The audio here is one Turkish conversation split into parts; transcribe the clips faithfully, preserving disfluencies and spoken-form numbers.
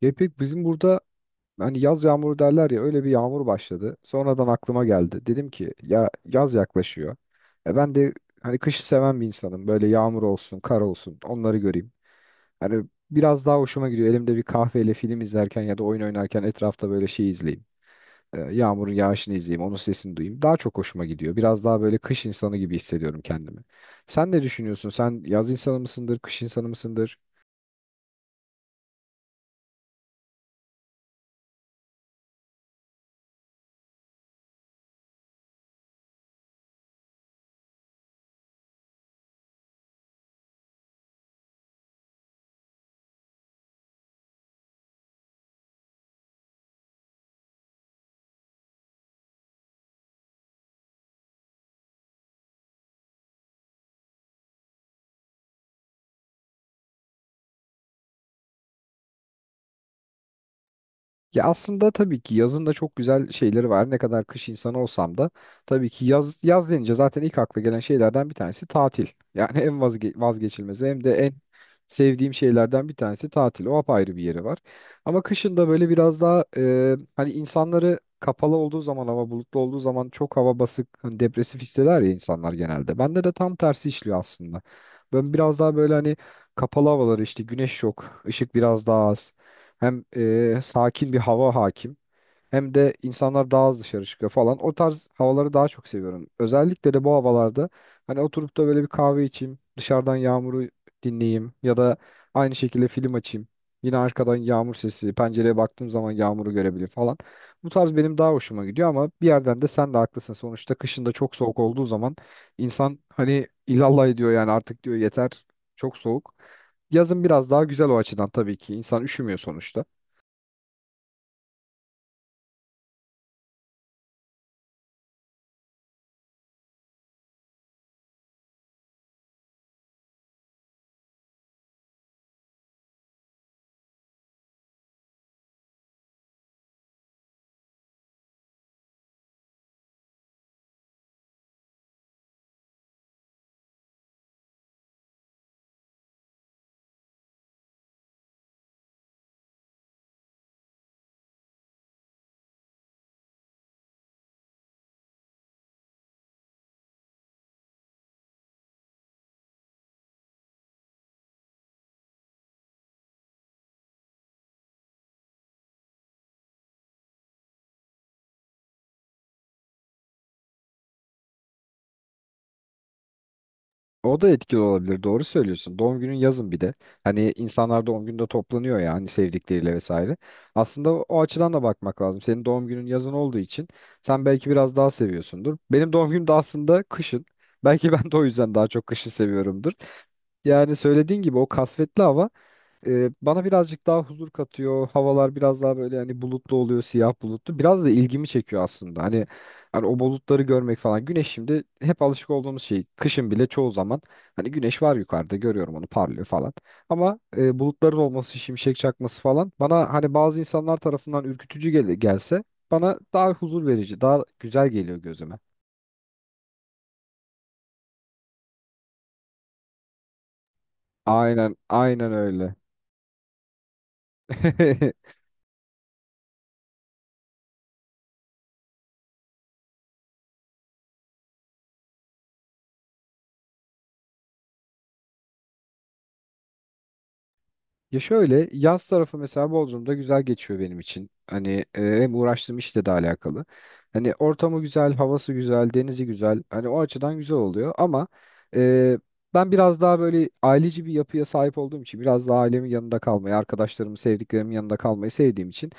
Ya İpek bizim burada hani yaz yağmuru derler ya öyle bir yağmur başladı. Sonradan aklıma geldi. Dedim ki ya yaz yaklaşıyor. E ben de hani kışı seven bir insanım. Böyle yağmur olsun, kar olsun onları göreyim. Hani biraz daha hoşuma gidiyor. Elimde bir kahveyle film izlerken ya da oyun oynarken etrafta böyle şey izleyeyim. E, yağmurun yağışını izleyeyim, onun sesini duyayım. Daha çok hoşuma gidiyor. Biraz daha böyle kış insanı gibi hissediyorum kendimi. Sen ne düşünüyorsun? Sen yaz insanı mısındır, kış insanı mısındır? Ya aslında tabii ki yazın da çok güzel şeyleri var. Ne kadar kış insanı olsam da tabii ki yaz yaz denince zaten ilk akla gelen şeylerden bir tanesi tatil. Yani en vazge vazgeçilmezi hem de en sevdiğim şeylerden bir tanesi tatil. O apayrı bir yeri var. Ama kışın da böyle biraz daha e, hani insanları kapalı olduğu zaman hava bulutlu olduğu zaman çok hava basık, hani depresif hisseder ya insanlar genelde. Bende de tam tersi işliyor aslında. Ben biraz daha böyle hani kapalı havaları işte güneş yok, ışık biraz daha az. Hem e, sakin bir hava hakim hem de insanlar daha az dışarı çıkıyor falan. O tarz havaları daha çok seviyorum. Özellikle de bu havalarda hani oturup da böyle bir kahve içeyim, dışarıdan yağmuru dinleyeyim ya da aynı şekilde film açayım. Yine arkadan yağmur sesi, pencereye baktığım zaman yağmuru görebilir falan. Bu tarz benim daha hoşuma gidiyor ama bir yerden de sen de haklısın. Sonuçta kışın da çok soğuk olduğu zaman insan hani ilallah ediyor yani artık diyor yeter çok soğuk. Yazın biraz daha güzel o açıdan tabii ki. İnsan üşümüyor sonuçta. O da etkili olabilir. Doğru söylüyorsun. Doğum günün yazın bir de. Hani insanlar doğum günde toplanıyor ya hani sevdikleriyle vesaire. Aslında o açıdan da bakmak lazım. Senin doğum günün yazın olduğu için sen belki biraz daha seviyorsundur. Benim doğum günüm de aslında kışın. Belki ben de o yüzden daha çok kışı seviyorumdur. Yani söylediğin gibi o kasvetli hava e, bana birazcık daha huzur katıyor. Havalar biraz daha böyle hani bulutlu oluyor, siyah bulutlu. Biraz da ilgimi çekiyor aslında. Hani, hani o bulutları görmek falan. Güneş şimdi hep alışık olduğumuz şey. Kışın bile çoğu zaman hani güneş var yukarıda görüyorum onu parlıyor falan. Ama e, bulutların olması, şimşek çakması falan bana hani bazı insanlar tarafından ürkütücü gel gelse bana daha huzur verici, daha güzel geliyor gözüme. Aynen, aynen öyle. Ya şöyle yaz tarafı mesela Bodrum'da güzel geçiyor benim için. Hani e, hem uğraştığım işle de alakalı. Hani ortamı güzel, havası güzel, denizi güzel. Hani o açıdan güzel oluyor ama e, ben biraz daha böyle aileci bir yapıya sahip olduğum için biraz daha ailemin yanında kalmayı, arkadaşlarımın, sevdiklerimin yanında kalmayı sevdiğim için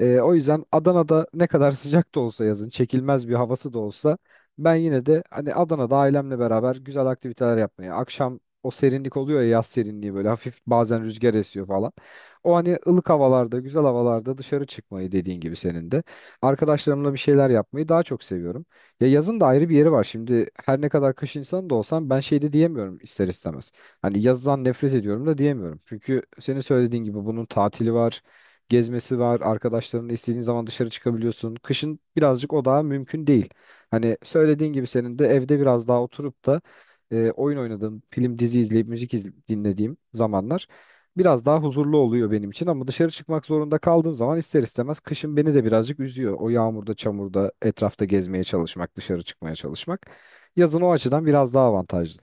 ee, o yüzden Adana'da ne kadar sıcak da olsa yazın, çekilmez bir havası da olsa ben yine de hani Adana'da ailemle beraber güzel aktiviteler yapmaya, akşam o serinlik oluyor ya yaz serinliği böyle hafif bazen rüzgar esiyor falan. O hani ılık havalarda, güzel havalarda dışarı çıkmayı dediğin gibi senin de. Arkadaşlarımla bir şeyler yapmayı daha çok seviyorum. Ya yazın da ayrı bir yeri var. Şimdi her ne kadar kış insanı da olsam ben şey de diyemiyorum ister istemez. Hani yazdan nefret ediyorum da diyemiyorum. Çünkü senin söylediğin gibi bunun tatili var gezmesi var. Arkadaşlarınla istediğin zaman dışarı çıkabiliyorsun. Kışın birazcık o daha mümkün değil. Hani söylediğin gibi senin de evde biraz daha oturup da e, oyun oynadığım, film dizi izleyip müzik iz- dinlediğim zamanlar biraz daha huzurlu oluyor benim için ama dışarı çıkmak zorunda kaldığım zaman ister istemez kışın beni de birazcık üzüyor. O yağmurda, çamurda, etrafta gezmeye çalışmak, dışarı çıkmaya çalışmak. Yazın o açıdan biraz daha avantajlı.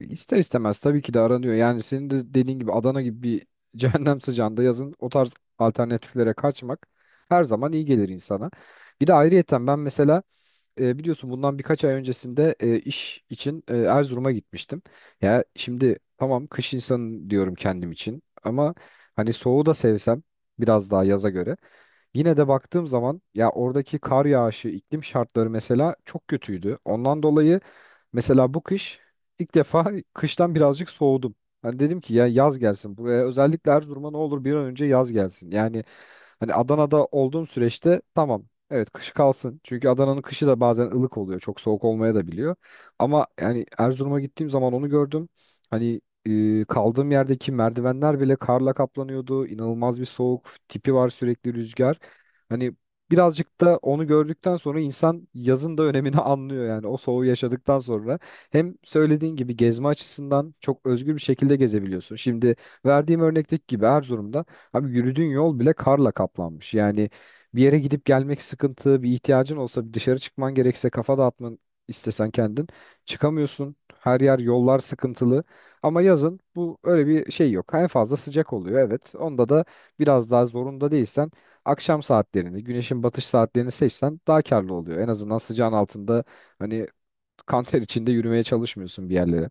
İster istemez tabii ki de aranıyor. Yani senin de dediğin gibi Adana gibi bir cehennem sıcağında yazın o tarz alternatiflere kaçmak her zaman iyi gelir insana. Bir de ayrıyeten ben mesela e, biliyorsun bundan birkaç ay öncesinde e, iş için e, Erzurum'a gitmiştim. Ya şimdi tamam kış insanı diyorum kendim için ama hani soğuğu da sevsem biraz daha yaza göre. Yine de baktığım zaman ya oradaki kar yağışı, iklim şartları mesela çok kötüydü. Ondan dolayı mesela bu kış ilk defa kıştan birazcık soğudum. Hani dedim ki ya yaz gelsin buraya özellikle Erzurum'a ne olur bir an önce yaz gelsin. Yani hani Adana'da olduğum süreçte tamam, evet, kış kalsın. Çünkü Adana'nın kışı da bazen ılık oluyor. Çok soğuk olmaya da biliyor. Ama yani Erzurum'a gittiğim zaman onu gördüm. Hani e, kaldığım yerdeki merdivenler bile karla kaplanıyordu. İnanılmaz bir soğuk tipi var sürekli rüzgar. Hani birazcık da onu gördükten sonra insan yazın da önemini anlıyor yani o soğuğu yaşadıktan sonra. Hem söylediğin gibi gezme açısından çok özgür bir şekilde gezebiliyorsun. Şimdi verdiğim örnekteki gibi Erzurum'da abi yürüdüğün yol bile karla kaplanmış. Yani bir yere gidip gelmek sıkıntı, bir ihtiyacın olsa bir dışarı çıkman gerekse kafa dağıtman istesen kendin çıkamıyorsun. Her yer yollar sıkıntılı ama yazın bu öyle bir şey yok. En fazla sıcak oluyor evet. Onda da biraz daha zorunda değilsen akşam saatlerini, güneşin batış saatlerini seçsen daha karlı oluyor. En azından sıcağın altında hani kanter içinde yürümeye çalışmıyorsun bir yerlere.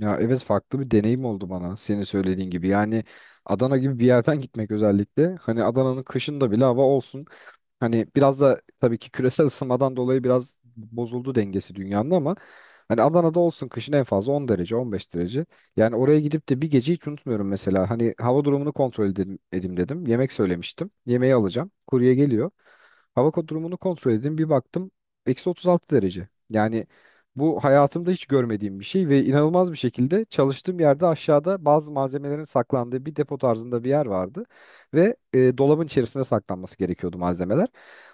Ya evet farklı bir deneyim oldu bana senin söylediğin gibi. Yani Adana gibi bir yerden gitmek özellikle. Hani Adana'nın kışında bile hava olsun. Hani biraz da tabii ki küresel ısınmadan dolayı biraz bozuldu dengesi dünyanın ama hani Adana'da olsun kışın en fazla on derece on beş derece. Yani oraya gidip de bir gece hiç unutmuyorum mesela. Hani hava durumunu kontrol edelim, edeyim dedim. Yemek söylemiştim. Yemeği alacağım. Kurye geliyor. Hava durumunu kontrol edeyim. Bir baktım eksi otuz altı derece. Yani bu hayatımda hiç görmediğim bir şey ve inanılmaz bir şekilde çalıştığım yerde aşağıda bazı malzemelerin saklandığı bir depo tarzında bir yer vardı. Ve e, dolabın içerisine saklanması gerekiyordu malzemeler.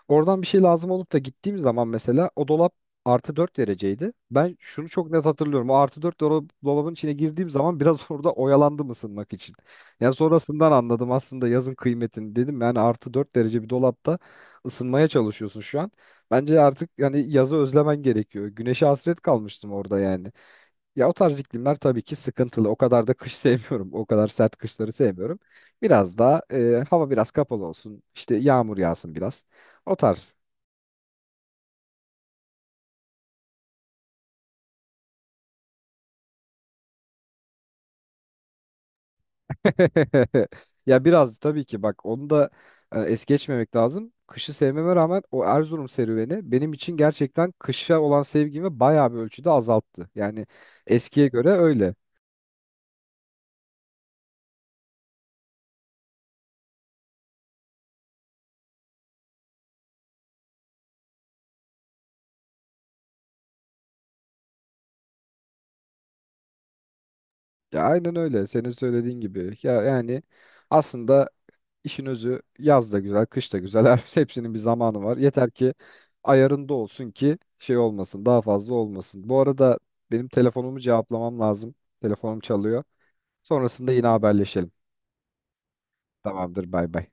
Oradan bir şey lazım olup da gittiğim zaman mesela o dolap artı dört dereceydi. Ben şunu çok net hatırlıyorum. O artı dört dola- dolabın içine girdiğim zaman biraz orada oyalandım ısınmak için. Yani sonrasından anladım aslında yazın kıymetini dedim. Yani artı dört derece bir dolapta ısınmaya çalışıyorsun şu an. Bence artık yani yazı özlemen gerekiyor. Güneşe hasret kalmıştım orada yani. Ya o tarz iklimler tabii ki sıkıntılı. O kadar da kış sevmiyorum. O kadar sert kışları sevmiyorum. Biraz daha e, hava biraz kapalı olsun. İşte yağmur yağsın biraz. O tarz. Ya biraz tabii ki bak onu da e, es geçmemek lazım. Kışı sevmeme rağmen o Erzurum serüveni benim için gerçekten kışa olan sevgimi bayağı bir ölçüde azalttı. Yani eskiye göre öyle. Ya aynen öyle. Senin söylediğin gibi. Ya yani aslında işin özü yaz da güzel, kış da güzel. Her hepsinin bir zamanı var. Yeter ki ayarında olsun ki şey olmasın, daha fazla olmasın. Bu arada benim telefonumu cevaplamam lazım. Telefonum çalıyor. Sonrasında yine haberleşelim. Tamamdır, bay bay.